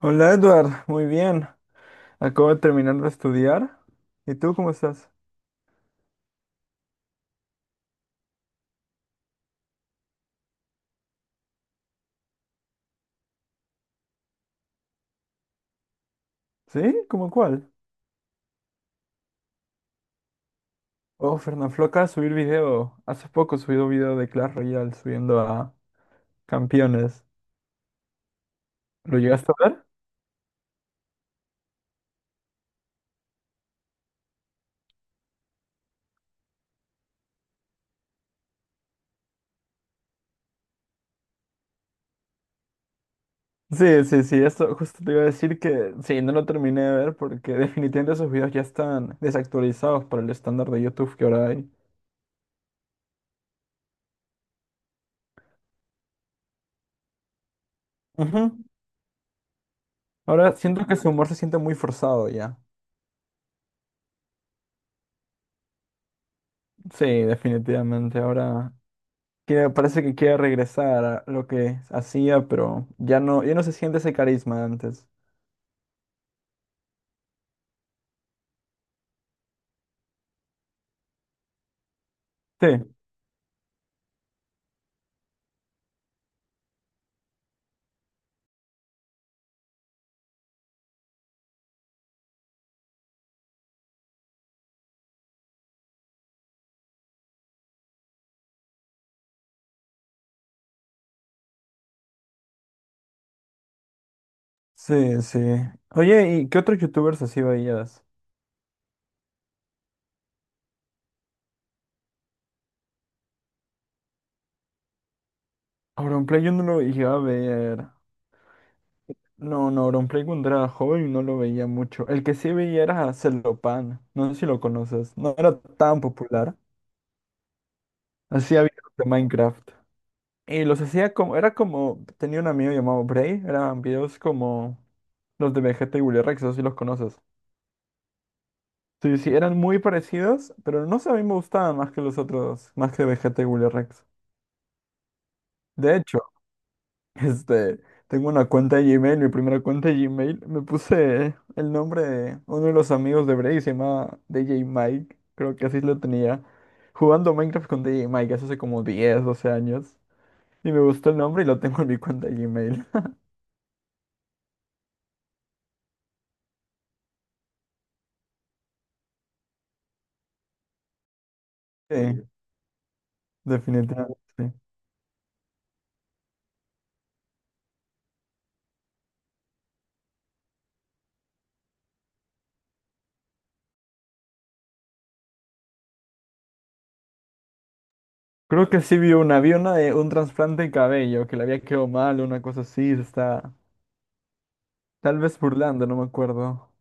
Hola Edward, muy bien. Acabo de terminar de estudiar. ¿Y tú cómo estás? ¿Sí? ¿Cómo cuál? Oh, Fernanfloo, acaba de subir video. Hace poco subió un video de Clash Royale subiendo a campeones. ¿Lo llegaste a ver? Sí, sí, sí, esto justo te iba a decir que sí, no lo terminé de ver porque definitivamente esos videos ya están desactualizados para el estándar de YouTube que ahora hay. Ujú. Ahora siento que su humor se siente muy forzado ya. Sí, definitivamente. Ahora que me parece que quiere regresar a lo que hacía, pero ya no, ya no se siente ese carisma de antes. Sí, sí, sí. Oye, ¿y qué otros youtubers así veías? Auronplay yo no lo llegaba a ver. No, no, Auronplay cuando era joven no lo veía mucho. El que sí veía era Celopan. No sé si lo conoces. No era tan popular. Hacía videos de Minecraft. Y los hacía como, era como, tenía un amigo llamado Bray. Eran videos como los de Vegeta y Willy Rex, no sé si los conoces. Sí, sí, eran muy parecidos, pero no sé, a mí me gustaban más que los otros, más que Vegeta y Willy Rex. De hecho, este, tengo una cuenta de Gmail, mi primera cuenta de Gmail, me puse el nombre de uno de los amigos de Bray, se llama DJ Mike, creo que así lo tenía, jugando Minecraft con DJ Mike hace como 10, 12 años, y me gustó el nombre y lo tengo en mi cuenta de Gmail. Sí, definitivamente. Sí. Creo que sí vi una de un trasplante de cabello, que le había quedado mal, una cosa así, está... Tal vez burlando, no me acuerdo.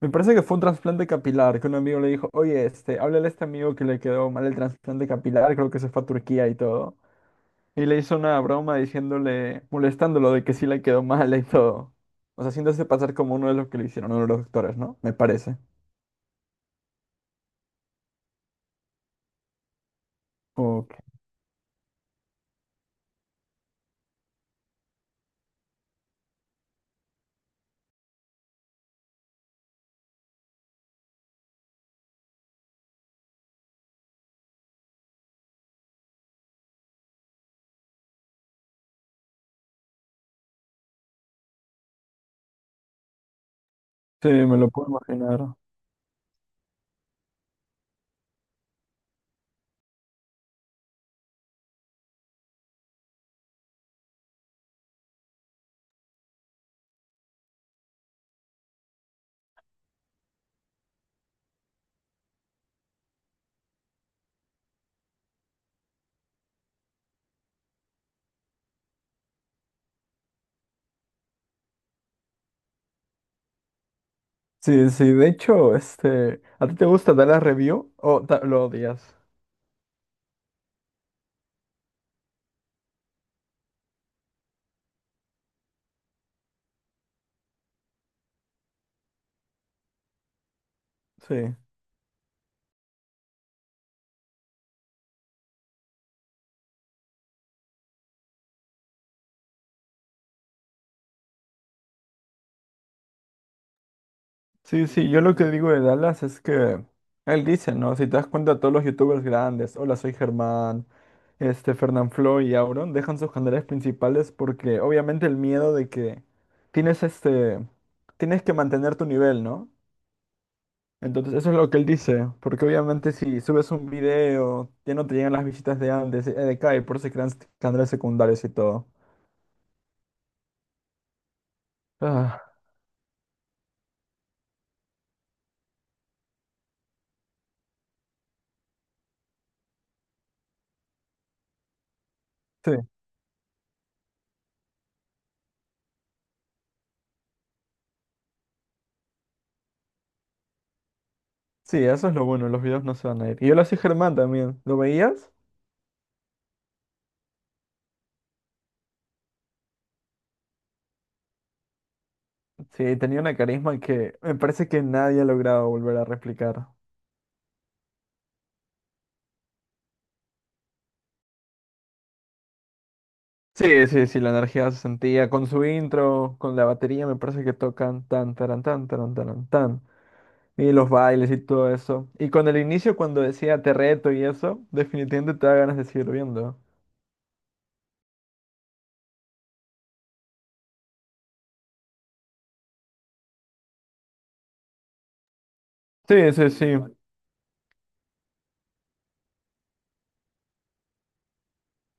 Me parece que fue un trasplante capilar, que un amigo le dijo, oye, este, háblale a este amigo que le quedó mal el trasplante capilar, creo que se fue a Turquía y todo. Y le hizo una broma diciéndole, molestándolo de que sí le quedó mal y todo. O sea, haciéndose pasar como uno de los que le hicieron, uno de los doctores, ¿no? Me parece. Ok. Sí, me lo puedo imaginar. Sí, sí, de hecho, este, ¿a ti te gusta dar la review o ta- lo odias? Sí. Sí, sí, yo lo que digo de Dallas es que él dice, ¿no? Si te das cuenta, todos los youtubers grandes, hola, soy Germán, este, Fernanfloo y Auron, dejan sus canales principales porque obviamente el miedo de que tienes este, tienes que mantener tu nivel, ¿no? Entonces, eso es lo que él dice, porque obviamente si subes un video, ya no te llegan las visitas de antes, de acá, y por eso se crean canales secundarios y todo. Ah, sí, sí, eso es lo bueno, los videos no se van a ir. Y hola, soy Germán también, ¿lo veías? Sí, tenía una carisma que me parece que nadie ha logrado volver a replicar. Sí, sí, sí, la energía se sentía con su intro, con la batería, me parece que tocan tan, taran, taran, tan, y los bailes y todo eso. Y con el inicio, cuando decía te reto y eso, definitivamente te da ganas de seguir viendo. Sí, sí, sí,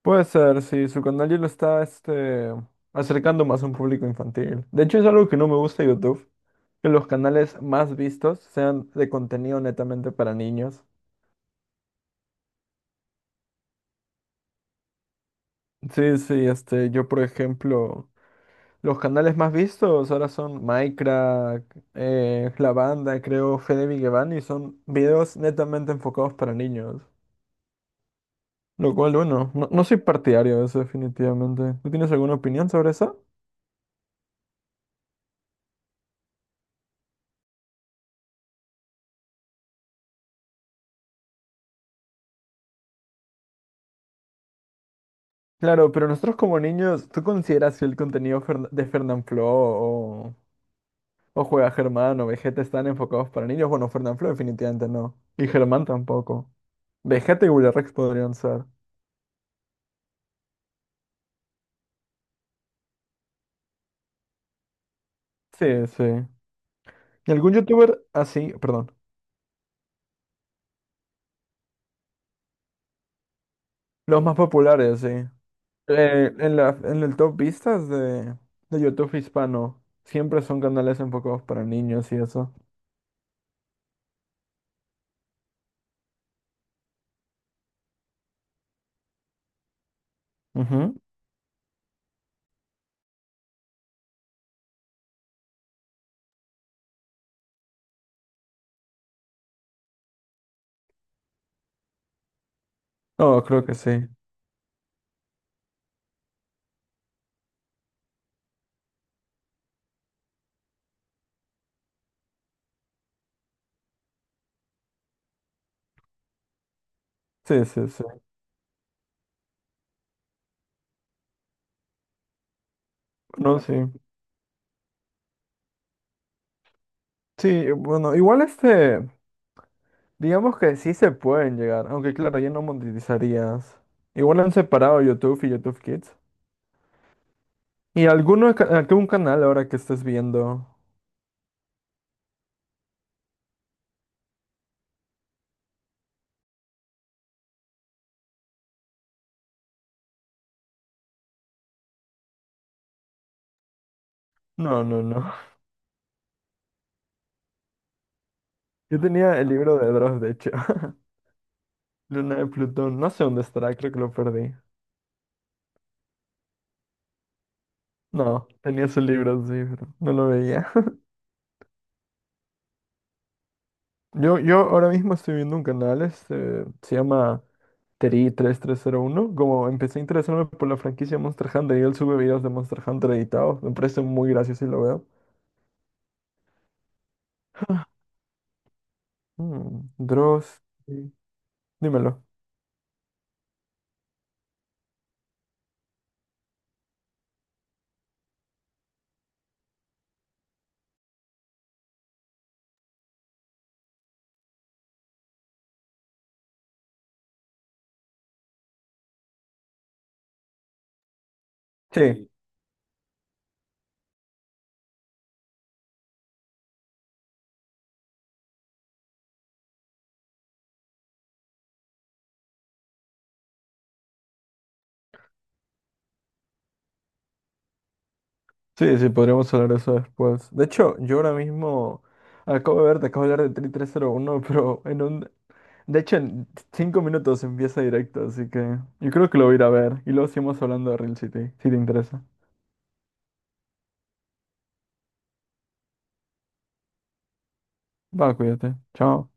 puede ser, sí, su canal ya lo está, este, acercando más a un público infantil. De hecho, es algo que no me gusta de YouTube, que los canales más vistos sean de contenido netamente para niños. Sí, sí, este, yo por ejemplo, los canales más vistos ahora son Minecraft, La Banda, creo, Fede Vigevani, y son videos netamente enfocados para niños. Lo cual, bueno, no, no soy partidario de eso definitivamente. ¿Tú tienes alguna opinión sobre eso? Claro, pero nosotros como niños, ¿tú consideras que el contenido Fern- de Fernanfloo o Juega Germán o Vegeta están enfocados para niños? Bueno, Fernanfloo definitivamente no. Y Germán tampoco. Vegeta y Willy Rex podrían ser. Sí, sí. ¿Y algún youtuber así, perdón, los más populares, sí. En la, en el top vistas de YouTube hispano, siempre son canales enfocados para niños y eso. Ujú. No, creo que sí. Sí, sí, sí. No, sí. Sí, bueno, igual este, digamos que sí se pueden llegar, aunque claro, ya no monetizarías. Igual han separado YouTube y YouTube Kids. ¿Y alguno, ca- algún canal ahora que estés viendo? No, no, no. Yo tenía el libro de Dross, de hecho. Luna de Plutón, no sé dónde estará, creo que lo perdí. No, tenía su libro, sí, pero no lo veía. Yo ahora mismo estoy viendo un canal, este, se llama Teri 3301. Como empecé a interesarme por la franquicia Monster Hunter y él sube videos de Monster Hunter editados, me parece muy gracioso y lo veo. Mm, Dross, sí, dímelo. Sí, sí. Sí, sí, podríamos hablar de eso después. De hecho, yo ahora mismo te acabo de hablar de Teri 301, de hecho, en 5 minutos empieza directo, así que yo creo que lo voy a ir a ver. Y luego seguimos hablando de Real City, si te interesa. Va, cuídate. Chao.